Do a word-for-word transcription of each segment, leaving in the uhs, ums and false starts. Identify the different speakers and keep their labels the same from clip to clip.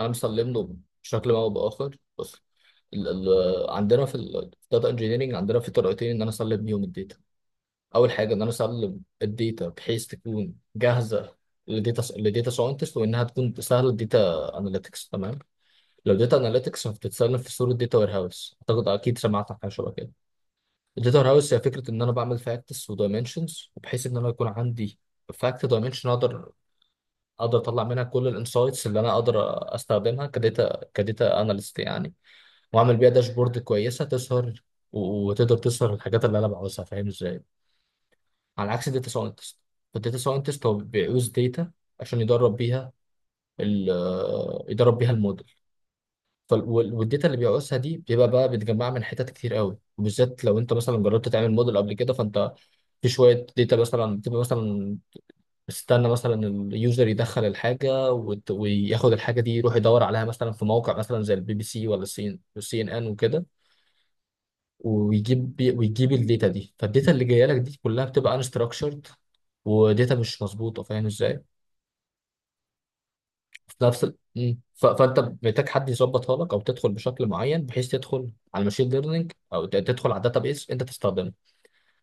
Speaker 1: انا مسلم له بشكل ما او باخر. بس ال ال عندنا في الداتا انجينيرنج عندنا في طريقتين ان انا اسلم بيهم الداتا. اول حاجه ان انا اسلم الداتا بحيث تكون جاهزه لداتا لداتا ساينتست وانها تكون سهله الداتا اناليتكس تمام. لو داتا اناليتكس فبتتسلم في صوره داتا وير هاوس، اعتقد اكيد سمعت عن حاجه شبه كده. الداتا وير هاوس هي فكره ان انا بعمل فاكتس ودايمنشنز وبحيث ان انا يكون عندي فاكت دايمنشن اقدر اقدر اطلع منها كل الانسايتس اللي انا اقدر استخدمها كداتا كداتا اناليست يعني، واعمل بيها داشبورد كويسه تظهر و- وتقدر تظهر الحاجات اللي انا بعوزها، فاهم ازاي؟ على عكس الداتا ساينتست، الداتا ساينتست هو بيعوز داتا عشان يدرب بيها ال يدرب بيها الموديل. والداتا اللي بيعوزها دي بيبقى بقى بيتجمعها من حتت كتير قوي، وبالذات لو انت مثلا جربت تعمل موديل قبل كده فانت في شويه داتا مثلا بتبقى مثلا استنى مثلا اليوزر يدخل الحاجه وت- وياخد الحاجه دي يروح يدور عليها مثلا في موقع مثلا زي البي بي سي ولا السي والسي ان ان وكده، ويجيب ويجيب الداتا دي. فالداتا اللي جايه لك دي كلها بتبقى انستراكشرد وداتا مش مظبوطه، فاهم ازاي؟ في نفس ال... مم. ف... فانت محتاج حد يظبطها لك او تدخل بشكل معين بحيث تدخل على الماشين ليرنينج او ت- تدخل على الداتا بيس انت تستخدمها.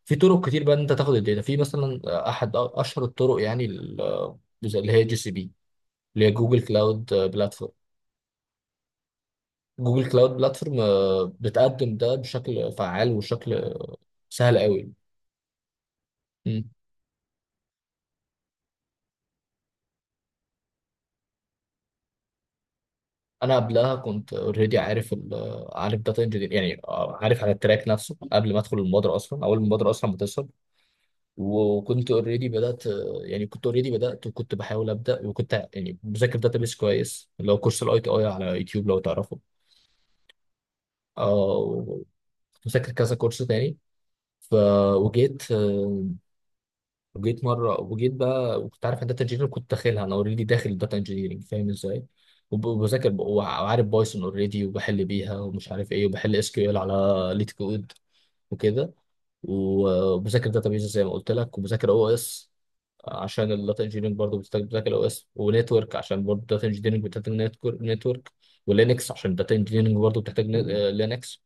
Speaker 1: في طرق كتير بقى ان انت تاخد الداتا، في مثلا احد اشهر الطرق يعني ال- اللي هي جي سي بي لجوجل كلاود بلاتفورم. جوجل كلاود بلاتفورم آه، بتقدم ده بشكل فعال وشكل سهل قوي. مم. انا قبلها كنت اوريدي عارف ال- آه، عارف داتا انجينير يعني، آه، عارف على التراك نفسه قبل ما ادخل المبادره اصلا، اول المبادره اصلا ما تظهر. وكنت اوريدي بدات، آه، يعني كنت اوريدي بدات وكنت بحاول ابدا، وكنت يعني بذاكر داتابيس كويس اللي هو كورس الاي تي اي على يوتيوب، لو تعرفه. اه. وكنت بذاكر كذا كورس تاني، ف وجيت آه، وجيت مره وجيت بقى، وكنت عارف ان داتا انجينير، كنت داخلها انا اوريدي داخل داتا انجينيرنج فاهم ازاي، وب- وبذاكر ب- وع- وعارف بايثون اوريدي وبحل بيها ومش عارف ايه، وبحل اس كيو ال على ليت كود وكده، وبذاكر داتابيز زي ما قلت لك، وبذاكر او اس عشان الداتا انجينيرنج برضه بتذاكر او اس، ونتورك عشان برضه الداتا انجينيرنج بتحتاج نتورك نتورك، ولينكس عشان الداتا انجينيرنج برضه بتحتاج لينكس،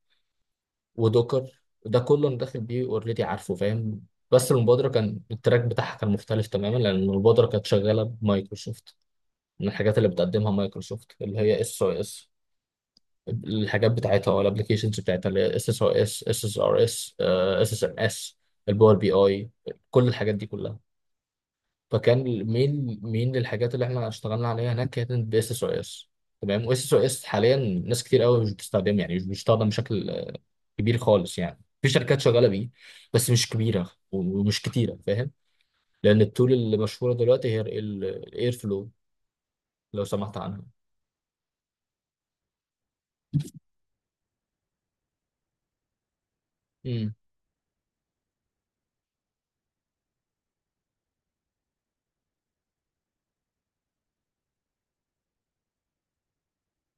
Speaker 1: ودوكر. ده كله انا داخل بيه اوريدي عارفه فاهم. بس المبادره كان التراك بتاعها كان مختلف تماما، لان المبادره كانت شغاله بمايكروسوفت. من الحاجات اللي بتقدمها مايكروسوفت اللي هي اس او اس، الحاجات بتاعتها او الابلكيشنز بتاعتها اللي هي اس اس او اس، اس اس ار اس، اس اس ام اس، الباور بي اي، كل الحاجات دي كلها. فكان مين مين للحاجات اللي احنا اشتغلنا عليها هناك كانت باس اس او اس. تمام. واس اس او اس حاليا ناس كتير قوي مش بتستخدمه، يعني مش بيستخدم بشكل آه، كبير خالص. يعني في شركات شغاله بيه بس مش كبيره و- ومش كتيره فاهم. لان التول اللي مشهوره دلوقتي هي الاير فلو، لو سمحت عنها. امم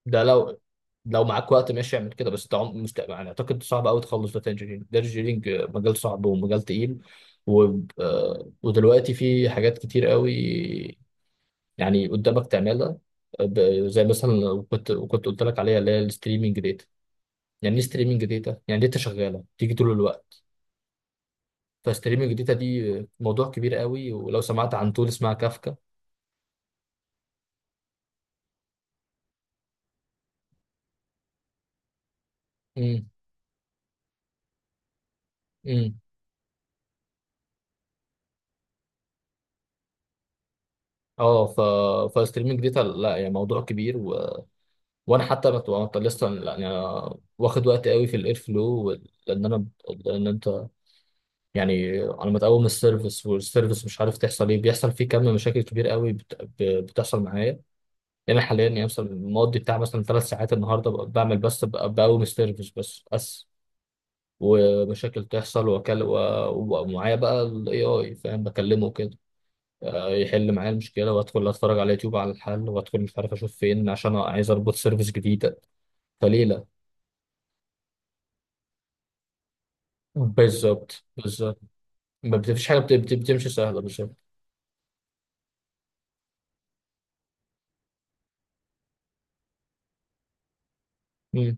Speaker 1: ده لو لو معاك وقت ماشي اعمل كده، بس ده عم- مست... يعني اعتقد صعب قوي تخلص داتا انجينيرنج. داتا انجينيرنج مجال صعب ومجال تقيل، و... آه، ودلوقتي في حاجات كتير قوي يعني قدامك تعملها، ب- زي مثلا لو كنت كنت قلت لك عليها اللي هي الستريمنج داتا. يعني ايه ستريمنج داتا؟ يعني داتا شغاله تيجي طول الوقت. فستريمنج داتا دي موضوع كبير قوي، ولو سمعت عن تول اسمها كافكا. امم امم اه. ف فالستريمنج داتا، لا يعني موضوع كبير و... وانا حتى بت... وأنا لسه يعني أنا واخد وقت قوي في الاير فلو وال- لان انا لان انت يعني على ما تقوم السيرفيس والسيرفيس، مش عارف تحصل ايه، بيحصل فيه كم مشاكل كبير قوي بت... ب- بتحصل معايا. يعني أنا حاليا يعني مثلا مقضي بتاع مثلا ثلاث ساعات النهارده ب- بعمل بس ب- بقوم سيرفيس بس بس. ومشاكل تحصل، واكلم ومعايا بقى الاي اي فاهم، بكلمه كده آه، يحل معايا المشكله. وادخل اتفرج على يوتيوب على الحل، وادخل مش عارف اشوف فين عشان عايز اربط سيرفيس جديده، فليه لا؟ بالظبط بالظبط، ما بتفيش حاجه بت- بت- بتمشي سهله بالظبط. مم.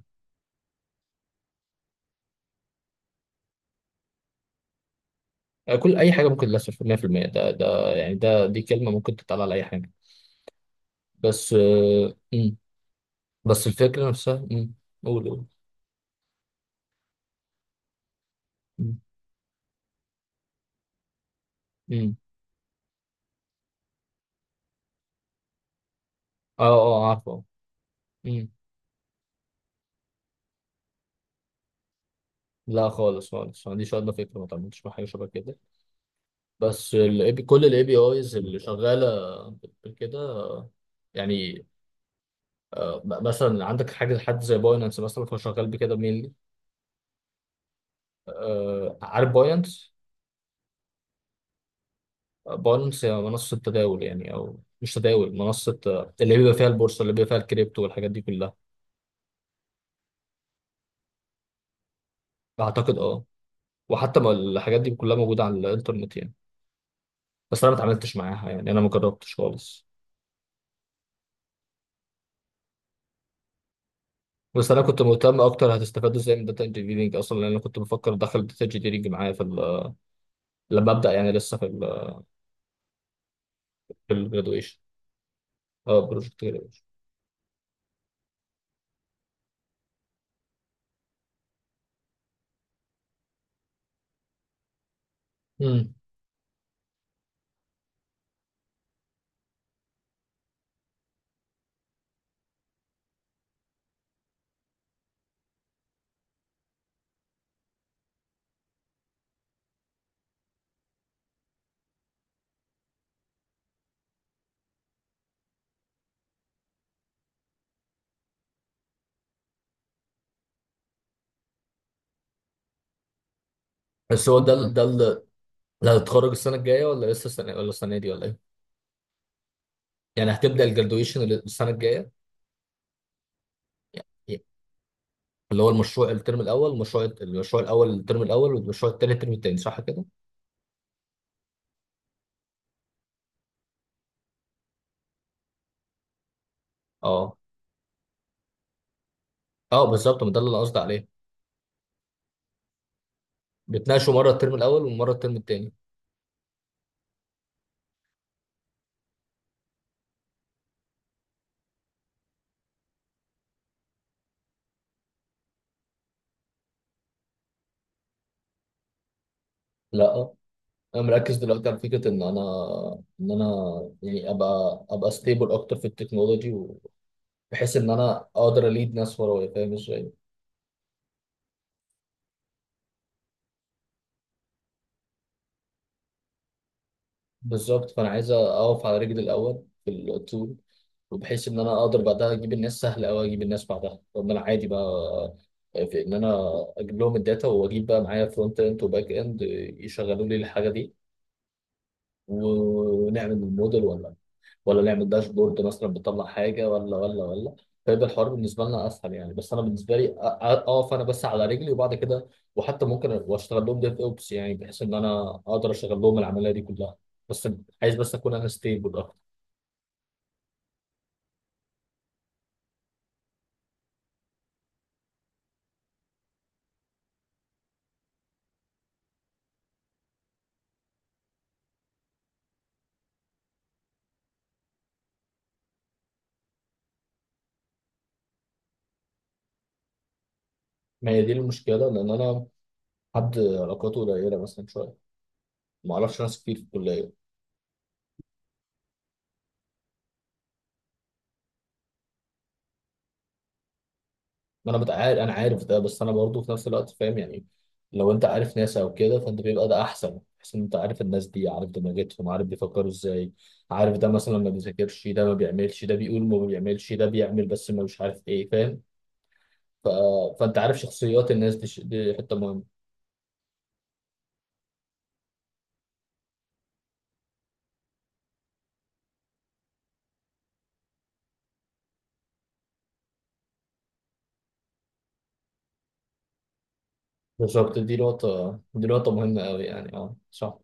Speaker 1: آه، كل اي حاجه ممكن للاسف مية في المية. ده ده يعني ده دي كلمه ممكن تتقال على اي حاجه، بس آه، مم. بس الفكره نفسها. مم. قول. قول. امم اه اه، عارفه. امم لا، خالص خالص ما عنديش ادنى فكره، ما تعملتش مع حاجه شبه كده. بس ال إيه بي آي، كل الاي بي ايز اللي شغاله بكده يعني آه، م- مثلا عندك حاجه حد زي باينانس مثلا، هو شغال بكده مينلي. آه، عارف باينانس؟ باينانس هي منصه تداول يعني، او مش تداول، منصه آه، اللي بيبقى فيها البورصه، اللي بيبقى فيها الكريبتو والحاجات دي كلها. اعتقد اه. وحتى ما الحاجات دي كلها موجوده على الانترنت يعني، بس انا ما اتعاملتش معاها يعني، انا ما جربتش خالص. بس انا كنت مهتم اكتر هتستفادوا ازاي من داتا انجينيرنج اصلا، لان انا كنت بفكر ادخل داتا انجينيرنج معايا في ال- لما ابدا يعني، لسه في ال في الجرادويشن. اه، بروجكت جرادويشن. امم بس هو ده ال- ده ال- ده هتتخرج السنه الجايه ولا لسه، السنه ولا السنه دي ولا ايه؟ يعني هتبدا الجرادويشن السنه الجايه، اللي هو المشروع الترم الاول، المشروع المشروع الاول الترم الاول والمشروع التاني الترم التاني، صح كده؟ اه اه بالظبط، ما ده اللي انا قصدي عليه. بتناقشوا مره الترم الاول ومره الترم التاني. لا، انا مركز دلوقتي على فكره ان انا ان انا يعني ابقى ابقى ستيبل اكتر في التكنولوجي، بحيث ان انا اقدر اليد ناس ورايا، فاهم ازاي؟ بالظبط. فانا عايز اقف على رجلي الاول في الطول، وبحيث ان انا اقدر بعدها اجيب الناس سهل قوي. اجيب الناس بعدها، طب انا عادي بقى في ان انا اجيب لهم الداتا، واجيب بقى معايا فرونت اند وباك اند يشغلوا لي الحاجه دي، ونعمل الموديل، ولا نعمل داشبورد مثلا بتطلع حاجه، ولا ولا ولا. فيبقى الحوار بالنسبه لنا اسهل يعني. بس انا بالنسبه لي، أ- أ- اقف انا بس على رجلي وبعد كده، وحتى ممكن واشتغل لهم ديف اوبس يعني، بحيث ان انا اقدر اشغل لهم العمليه دي كلها. بس عايز بس اكون انا ستيبل اكتر. ما هي دي المشكله، لان انا حد علاقاته قليله مثلا شويه، ما اعرفش ناس كتير في الكليه. ما انا متعارف انا عارف ده، بس انا برضه في نفس الوقت فاهم يعني، لو انت عارف ناس او كده فانت بيبقى ده احسن، بحيث ان انت عارف الناس دي، عارف دماغتهم، عارف بيفكروا ازاي، عارف ده مثلا ما بيذاكرش، ده ما بيعملش، ده بيقول ما بيعملش، ده بيعمل بس ما مش عارف ايه فاهم. ف... فانت عارف شخصيات الناس دي، ش... دي حته مهمه. بالظبط، دي نقطه دي نقطه مهمه قوي يعني، اه صح.